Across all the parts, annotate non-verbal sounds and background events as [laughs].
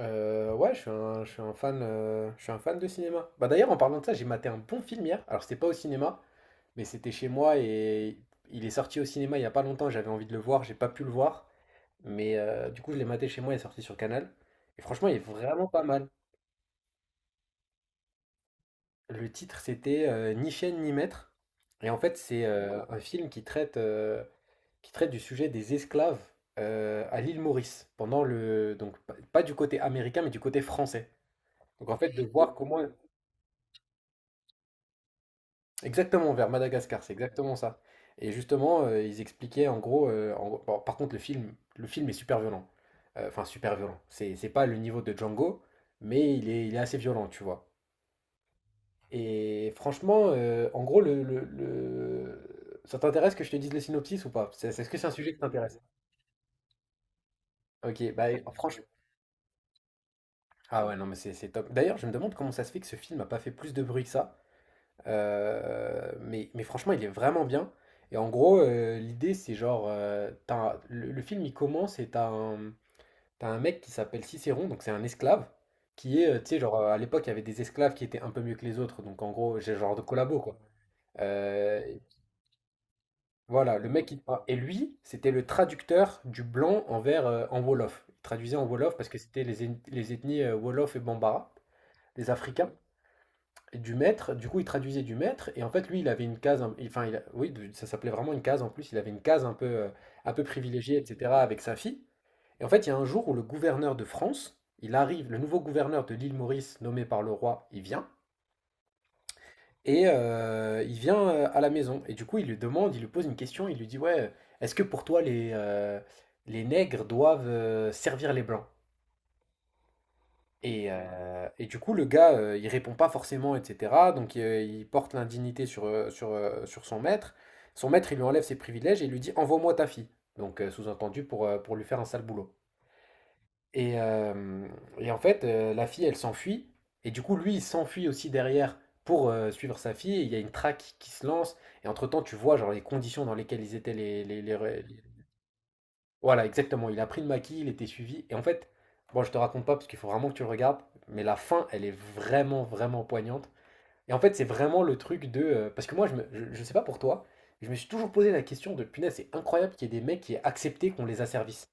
Ouais, je suis un fan, je suis un fan de cinéma. Bah d'ailleurs, en parlant de ça, j'ai maté un bon film hier. Alors c'était pas au cinéma, mais c'était chez moi et il est sorti au cinéma il y a pas longtemps. J'avais envie de le voir, j'ai pas pu le voir, mais du coup je l'ai maté chez moi. Il est sorti sur Canal et franchement, il est vraiment pas mal. Le titre c'était Ni chaîne ni maître, et en fait c'est un film qui traite qui traite du sujet des esclaves à l'île Maurice pendant le donc pas du côté américain mais du côté français. Donc en fait de voir comment exactement, vers Madagascar, c'est exactement ça. Et justement, ils expliquaient en gros, bon, par contre, le film est super violent. Enfin, super violent. C'est pas le niveau de Django, mais il est assez violent, tu vois. Et franchement, en gros, ça t'intéresse que je te dise le synopsis ou pas? Est-ce que c'est un sujet qui t'intéresse? Ok, bah franchement. Ah ouais, non, mais c'est top. D'ailleurs, je me demande comment ça se fait que ce film n'a pas fait plus de bruit que ça. Mais franchement, il est vraiment bien. Et en gros, l'idée, c'est genre, le film, il commence et t'as un mec qui s'appelle Cicéron, donc c'est un esclave, qui est, tu sais, genre, à l'époque, il y avait des esclaves qui étaient un peu mieux que les autres, donc en gros, j'ai genre de collabo, quoi. Euh, voilà, le mec, il... ah, et lui, c'était le traducteur du blanc envers, en Wolof. Il traduisait en Wolof parce que c'était les ethnies Wolof et Bambara, les Africains. Du maître, du coup, il traduisait du maître, et en fait, lui, il avait une case, enfin, il oui, ça s'appelait vraiment une case en plus, il avait une case un peu privilégiée, etc., avec sa fille. Et en fait, il y a un jour où le gouverneur de France, il arrive, le nouveau gouverneur de l'île Maurice, nommé par le roi, il vient, et il vient à la maison. Et du coup, il lui pose une question, il lui dit, ouais, est-ce que pour toi, les nègres doivent servir les blancs? Et du coup, le gars, il répond pas forcément, etc. Donc, il porte l'indignité sur, sur son maître. Son maître, il lui enlève ses privilèges et il lui dit envoie-moi ta fille. Donc, sous-entendu, pour lui faire un sale boulot. Et, euh, et en fait, la fille, elle s'enfuit. Et du coup, lui, il s'enfuit aussi derrière pour suivre sa fille. Et il y a une traque qui se lance. Et entre-temps, tu vois genre, les conditions dans lesquelles ils étaient voilà, exactement. Il a pris le maquis, il était suivi. Et en fait, bon, je te raconte pas parce qu'il faut vraiment que tu le regardes, mais la fin, elle est vraiment, vraiment poignante. Et en fait, c'est vraiment le truc de parce que moi, je sais pas pour toi, je me suis toujours posé la question de punaise, c'est incroyable qu'il y ait des mecs qui aient accepté qu'on les asservisse.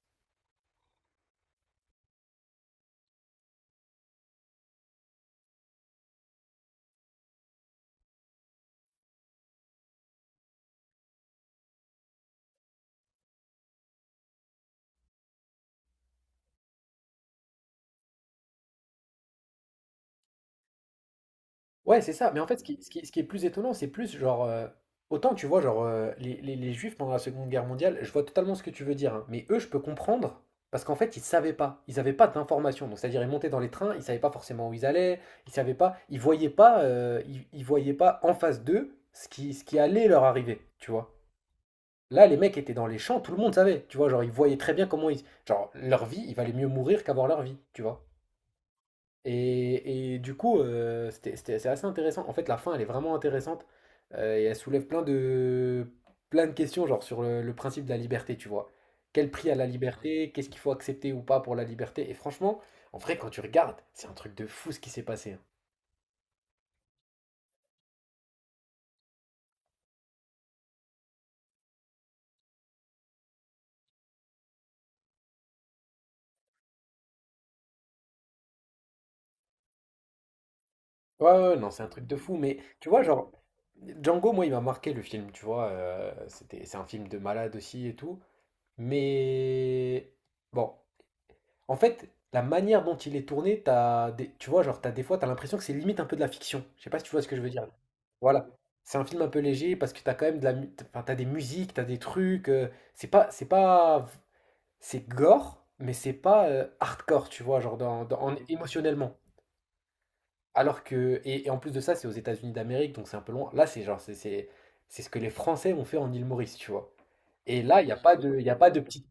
Ouais, c'est ça. Mais en fait, ce qui est plus étonnant, c'est plus genre autant tu vois, genre, les Juifs pendant la Seconde Guerre mondiale, je vois totalement ce que tu veux dire, hein. Mais eux, je peux comprendre parce qu'en fait, ils savaient pas. Ils avaient pas d'informations. Donc, c'est-à-dire, ils montaient dans les trains, ils savaient pas forcément où ils allaient, ils savaient pas, ils voyaient pas, ils voyaient pas en face d'eux ce qui allait leur arriver, tu vois. Là, les mecs étaient dans les champs, tout le monde savait, tu vois. Genre, ils voyaient très bien comment ils. Genre, leur vie, il valait mieux mourir qu'avoir leur vie, tu vois. Et du coup, c'est assez intéressant. En fait, la fin, elle est vraiment intéressante. Et elle soulève plein de questions, genre sur le principe de la liberté, tu vois. Quel prix à la liberté? Qu'est-ce qu'il faut accepter ou pas pour la liberté? Et franchement, en vrai, quand tu regardes, c'est un truc de fou ce qui s'est passé, hein. Ouais, ouais, non, c'est un truc de fou, mais tu vois, genre, Django, moi, il m'a marqué le film, tu vois, c'est un film de malade aussi et tout, mais bon, en fait, la manière dont il est tourné, tu vois, genre, t'as des fois, t'as l'impression que c'est limite un peu de la fiction, je sais pas si tu vois ce que je veux dire, voilà, c'est un film un peu léger parce que t'as quand même enfin, t'as des musiques, t'as des trucs, c'est pas, c'est pas, c'est gore, mais c'est pas hardcore, tu vois, genre, émotionnellement. Alors que et en plus de ça, c'est aux États-Unis d'Amérique, donc c'est un peu loin. Là, c'est c'est ce que les Français ont fait en île Maurice, tu vois? Et là, il y a pas de petite,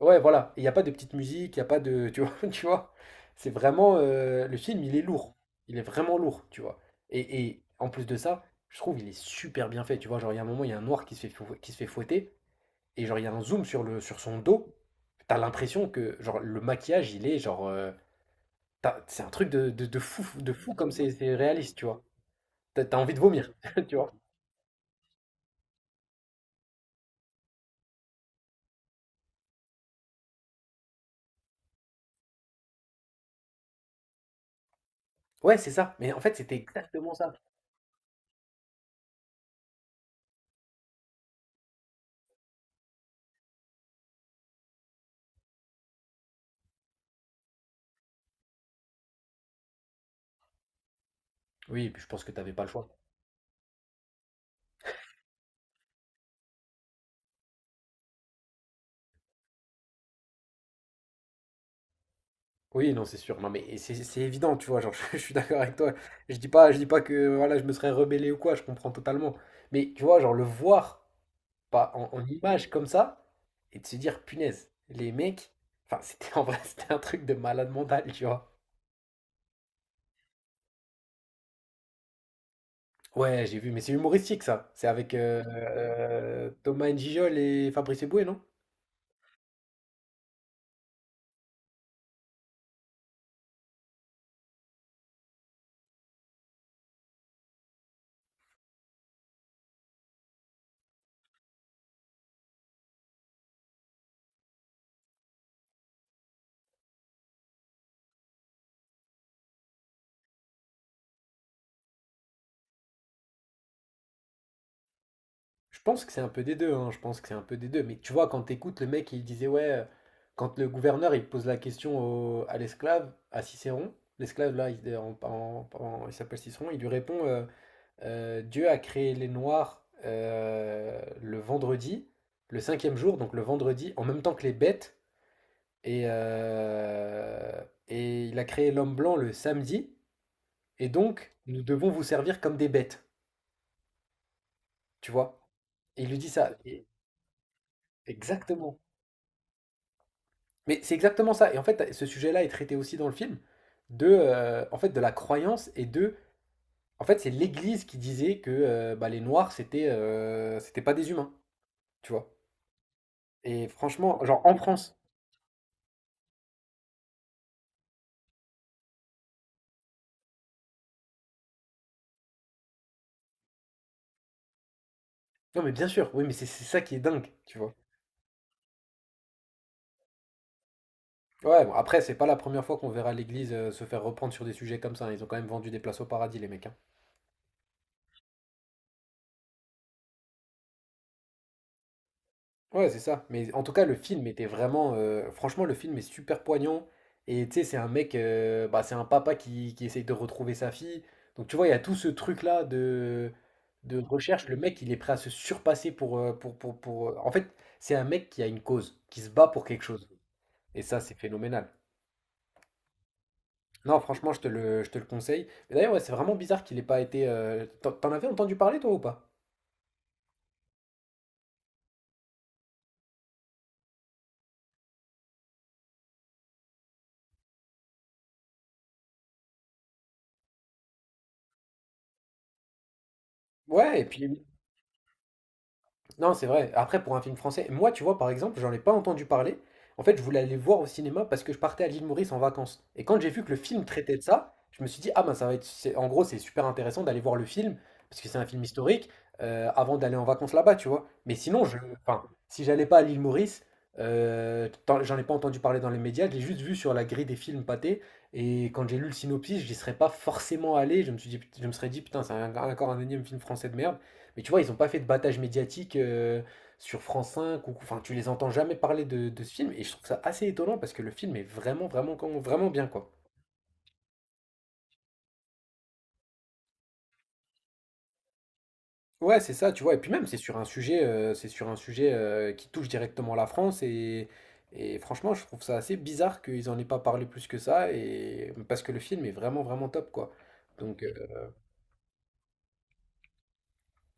ouais, voilà, il y a pas de petite musique, il y a pas de, tu vois, [laughs] tu vois, c'est vraiment le film, il est lourd, il est vraiment lourd, tu vois. Et en plus de ça, je trouve il est super bien fait, tu vois. Genre il y a un moment, il y a un noir qui se fait fouetter et genre il y a un zoom sur le sur son dos, t'as l'impression que genre le maquillage, il est genre, c'est un truc de fou comme c'est réaliste, tu vois, t'as envie de vomir, [laughs] tu vois. Ouais, c'est ça. Mais en fait, c'était exactement ça. Oui, et puis je pense que t'avais pas le choix. Oui, non, c'est sûr. Non, mais c'est évident, tu vois. Genre, [laughs] suis d'accord avec toi. Je dis pas que voilà, je me serais rebellé ou quoi. Je comprends totalement. Mais tu vois, genre le voir pas en image comme ça et de se dire, punaise, les mecs. Enfin, [laughs] c'était en vrai, [laughs] c'était un truc de malade mental, tu vois. Ouais, j'ai vu, mais c'est humoristique ça. C'est avec Thomas N'Gijol et Fabrice Eboué, non? Je pense que c'est un peu des deux, hein, je pense que c'est un peu des deux. Mais tu vois, quand t'écoutes le mec, il disait, ouais, quand le gouverneur, il pose la question à l'esclave, à Cicéron, l'esclave, là, il, en- en- en- il s'appelle Cicéron, il lui répond, Dieu a créé les Noirs le vendredi, le cinquième jour, donc le vendredi, en même temps que les bêtes, et, euh, et il a créé l'homme blanc le samedi, et donc nous devons vous servir comme des bêtes, tu vois. Et il lui dit ça. Exactement. Mais c'est exactement ça. Et en fait, ce sujet-là est traité aussi dans le film de, en fait, de la croyance et de, en fait, c'est l'Église qui disait que bah, les Noirs c'était, c'était pas des humains, tu vois. Et franchement, genre en France. Non, mais bien sûr. Oui, mais c'est ça qui est dingue, tu vois. Ouais. Bon, après, c'est pas la première fois qu'on verra l'Église se faire reprendre sur des sujets comme ça, hein. Ils ont quand même vendu des places au paradis, les mecs, hein. Ouais, c'est ça. Mais en tout cas, le film était vraiment franchement, le film est super poignant. Et tu sais, c'est un mec bah, c'est un papa qui essaye de retrouver sa fille. Donc, tu vois, il y a tout ce truc-là de recherche. Le mec, il est prêt à se surpasser pour, en fait, c'est un mec qui a une cause, qui se bat pour quelque chose. Et ça, c'est phénoménal. Non, franchement, je te le conseille. Mais d'ailleurs, ouais, c'est vraiment bizarre qu'il ait pas été t'en avais entendu parler, toi, ou pas? Ouais, et puis non, c'est vrai. Après, pour un film français, moi, tu vois, par exemple, j'en ai pas entendu parler. En fait, je voulais aller le voir au cinéma parce que je partais à l'île Maurice en vacances. Et quand j'ai vu que le film traitait de ça, je me suis dit, ah ben, ça va être en gros, c'est super intéressant d'aller voir le film, parce que c'est un film historique, avant d'aller en vacances là-bas, tu vois. Mais sinon, je... enfin, si j'allais pas à l'île Maurice, j'en ai pas entendu parler dans les médias, je l'ai juste vu sur la grille des films pâtés. Et quand j'ai lu le synopsis, j'y serais pas forcément allé. Je me suis dit, je me serais dit, putain, encore un énième film français de merde. Mais tu vois, ils n'ont pas fait de battage médiatique sur France cinq. Ou, enfin, tu les entends jamais parler de ce film. Et je trouve ça assez étonnant parce que le film est vraiment bien, quoi. Ouais, c'est ça, tu vois. Et puis même, c'est sur un sujet qui touche directement la France. Et franchement, je trouve ça assez bizarre qu'ils en aient pas parlé plus que ça. Et parce que le film est vraiment, vraiment top, quoi. Donc,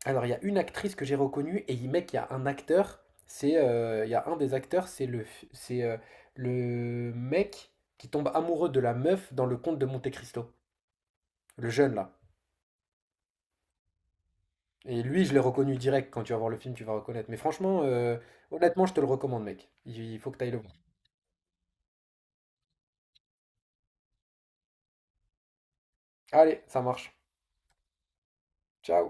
alors, il y a une actrice que j'ai reconnue et mec, il y a un acteur. C'est, il y a un des acteurs, c'est c'est le mec qui tombe amoureux de la meuf dans le conte de Monte Cristo, le jeune là. Et lui, je l'ai reconnu direct. Quand tu vas voir le film, tu vas reconnaître. Mais franchement, honnêtement, je te le recommande, mec. Il faut que tu ailles le voir. Allez, ça marche. Ciao.